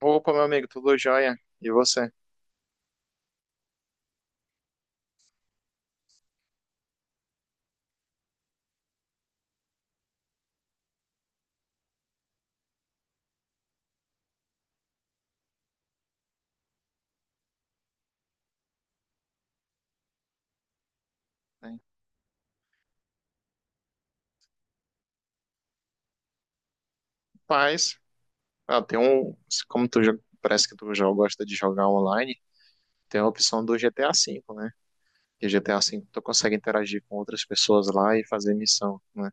Opa, meu amigo, tudo jóia? E você? Bem, paz. Ah, tem um. Parece que tu já gosta de jogar online. Tem a opção do GTA V, né? Que GTA V tu consegue interagir com outras pessoas lá e fazer missão, né?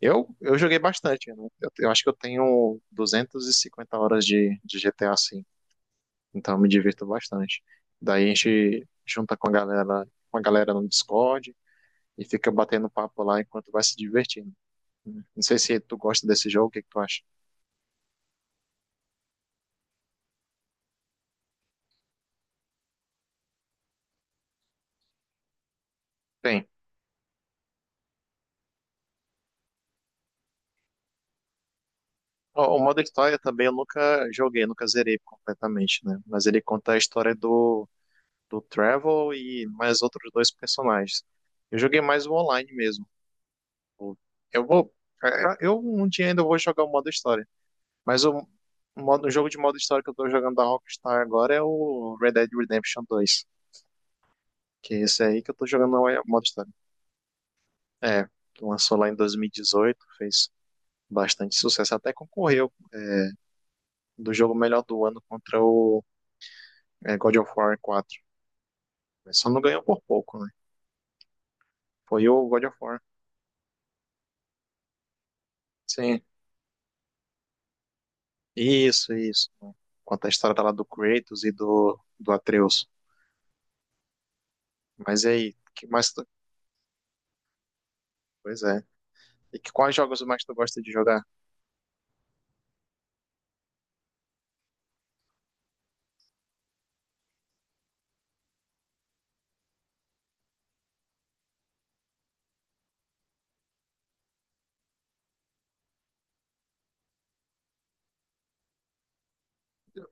Eu joguei bastante, né? Eu acho que eu tenho 250 horas de GTA V, então eu me divirto bastante. Daí a gente junta com a galera no Discord e fica batendo papo lá enquanto vai se divertindo, né? Não sei se tu gosta desse jogo. O que que tu acha? Bem. O modo história também eu nunca joguei, nunca zerei completamente, né? Mas ele conta a história do Trevor e mais outros dois personagens. Eu joguei mais o online mesmo. O- Eu vou. Eu um dia ainda vou jogar o modo história. Mas o jogo de modo história que eu tô jogando da Rockstar agora é o Red Dead Redemption 2. Que é esse aí que eu tô jogando o modo história. É, que lançou lá em 2018, fez bastante sucesso. Até concorreu do jogo melhor do ano contra o God of War 4. Mas só não ganhou por pouco, né? Foi o God of War. Sim, isso, isso. Conta a história lá do Kratos e do Atreus. Mas e aí, que mais tu... Pois é. Quais jogos mais tu gosta de jogar?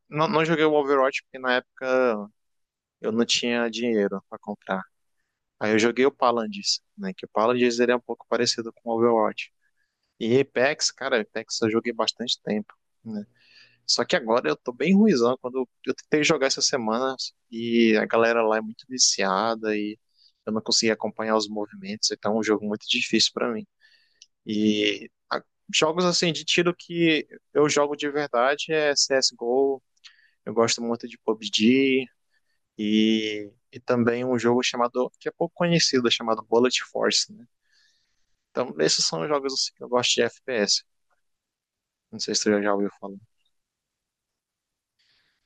Não, não joguei o Overwatch porque na época eu não tinha dinheiro pra comprar. Aí eu joguei o Paladins, né? Que o Paladins ele é um pouco parecido com o Overwatch. E Apex, cara, Apex eu joguei bastante tempo, né? Só que agora eu tô bem ruizão. Quando eu tentei jogar essa semana e a galera lá é muito viciada e eu não consegui acompanhar os movimentos, então é um jogo muito difícil pra mim. E a- Jogos assim de tiro que eu jogo de verdade é CSGO. Eu gosto muito de PUBG e também um jogo chamado que é pouco conhecido, chamado Bullet Force, né? Então esses são os jogos assim, que eu gosto de FPS. Não sei se tu já ouviu falar.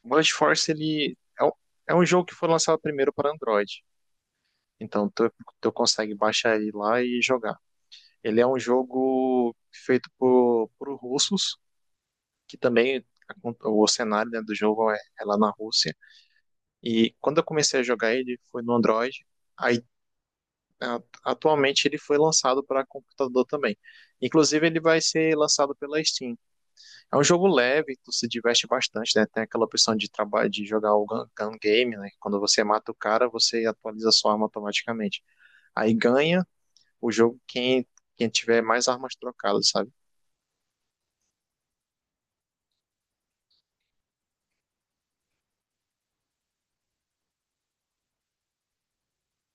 O Blast Force ele é um jogo que foi lançado primeiro para Android. Então tu consegue baixar ele lá e jogar. Ele é um jogo feito por russos, que também o cenário, né, do jogo é lá na Rússia. E quando eu comecei a jogar ele foi no Android. Aí atualmente ele foi lançado para computador também. Inclusive ele vai ser lançado pela Steam. É um jogo leve, tu se diverte bastante, né? Tem aquela opção de trabalho de jogar o gun game, né? Quando você mata o cara, você atualiza sua arma automaticamente. Aí ganha o jogo quem tiver mais armas trocadas, sabe?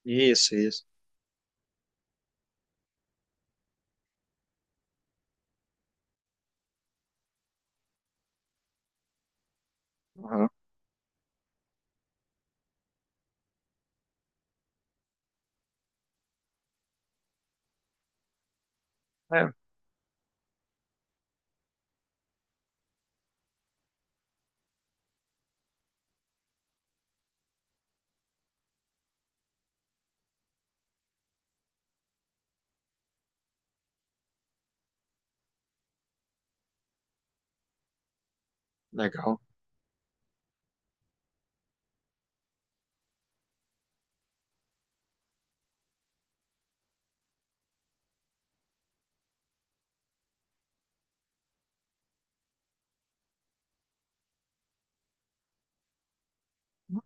Isso, isso. Aham. É, legal.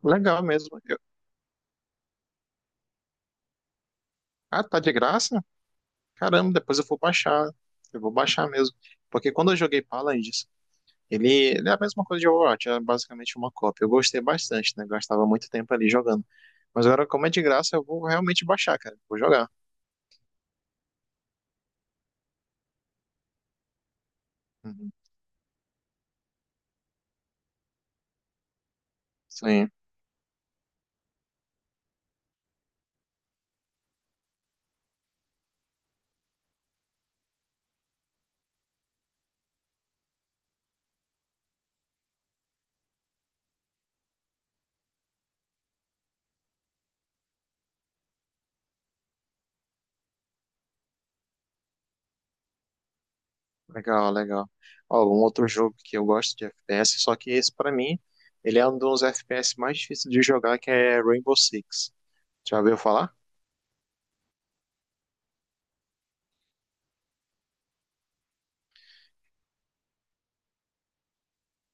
Legal mesmo. Ah, tá de graça? Caramba, depois eu vou baixar. Eu vou baixar mesmo. Porque quando eu joguei Paladins, ele, ele é a mesma coisa de Overwatch, é basicamente uma cópia. Eu gostei bastante, né? Gastava muito tempo ali jogando. Mas agora, como é de graça, eu vou realmente baixar, cara. Vou jogar. Uhum. Sim, legal, legal. Ó, um outro jogo que eu gosto de FPS, só que esse pra mim, ele é um dos FPS mais difíceis de jogar, que é Rainbow Six. Já ouviu falar?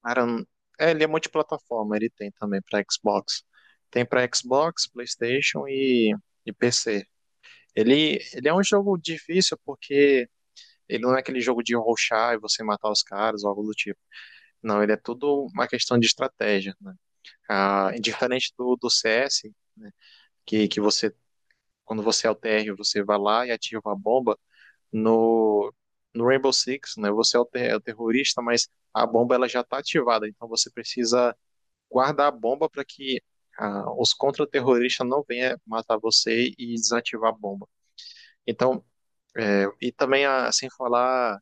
Cara, ele é multiplataforma, ele tem também pra Xbox. Tem pra Xbox, PlayStation e PC. Ele é um jogo difícil porque ele não é aquele jogo de rushar e você matar os caras ou algo do tipo. Não, ele é tudo uma questão de estratégia, né? Ah, diferente do CS, né, que você, quando você é o TR, você vai lá e ativa a bomba. No, no Rainbow Six, né, você é é o terrorista, mas a bomba ela já está ativada, então você precisa guardar a bomba para que os contra-terroristas não venham matar você e desativar a bomba. Então, e também, sem falar,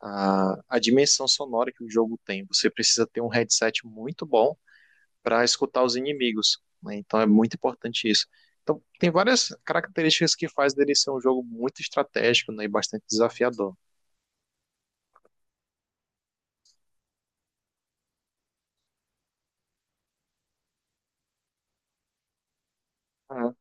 a dimensão sonora que o jogo tem, você precisa ter um headset muito bom para escutar os inimigos, né? Então é muito importante isso. Então tem várias características que faz dele ser um jogo muito estratégico, né, e bastante desafiador. Ah,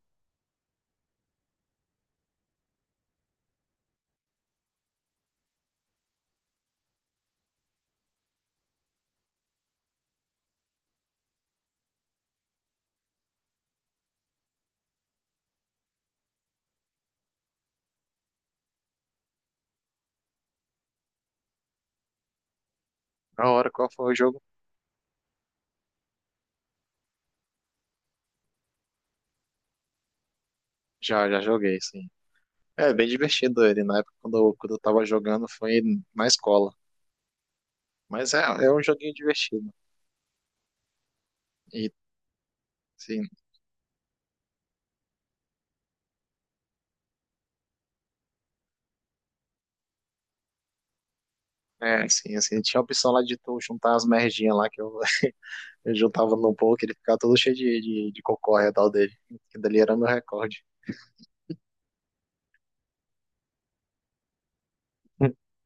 na hora qual foi o jogo? Já, já joguei, sim. É bem divertido ele. Na época quando eu tava jogando foi na escola. Mas é um joguinho divertido. E sim, sim, assim, tinha a opção lá de tu juntar as merdinhas lá que eu, eu juntava no pouco, ele ficava todo cheio de cocô ao redor dele. Que dali era meu recorde.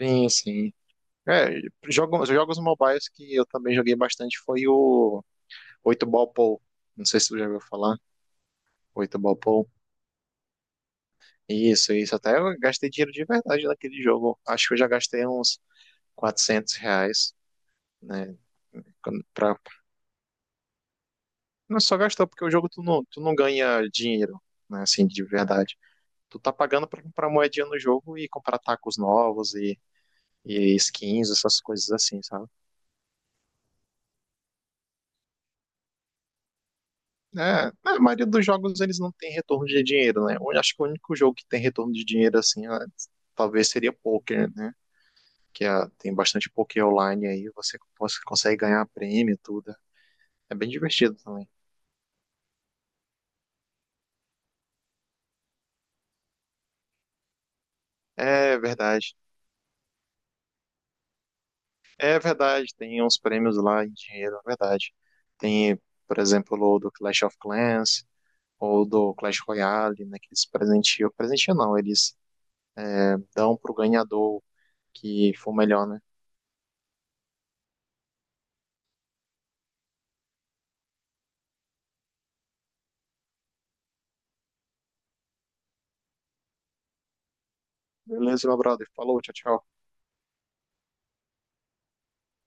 Sim, sim. É, jogos mobiles que eu também joguei bastante foi o 8 Ball Pool. Não sei se tu já ouviu falar, 8 Ball Pool. Isso, isso. Até eu gastei dinheiro de verdade naquele jogo. Acho que eu já gastei uns R$ 400, né? Pra... Não só gastou, porque o jogo tu não ganha dinheiro, né? Assim, de verdade. Tu tá pagando pra comprar moedinha no jogo e comprar tacos novos e skins, essas coisas assim, sabe? É, a maioria dos jogos eles não tem retorno de dinheiro, né? Eu acho que o único jogo que tem retorno de dinheiro assim, talvez seria poker, né? Tem bastante poker online aí, você consegue ganhar prêmio e tudo. É bem divertido também. É verdade. É verdade, tem uns prêmios lá em dinheiro, é verdade. Tem, por exemplo, o do Clash of Clans ou do Clash Royale, né? Que eles presenteiam. Presenteiam não, eles dão pro ganhador que for melhor, né? Beleza, meu brother. Falou, tchau, tchau.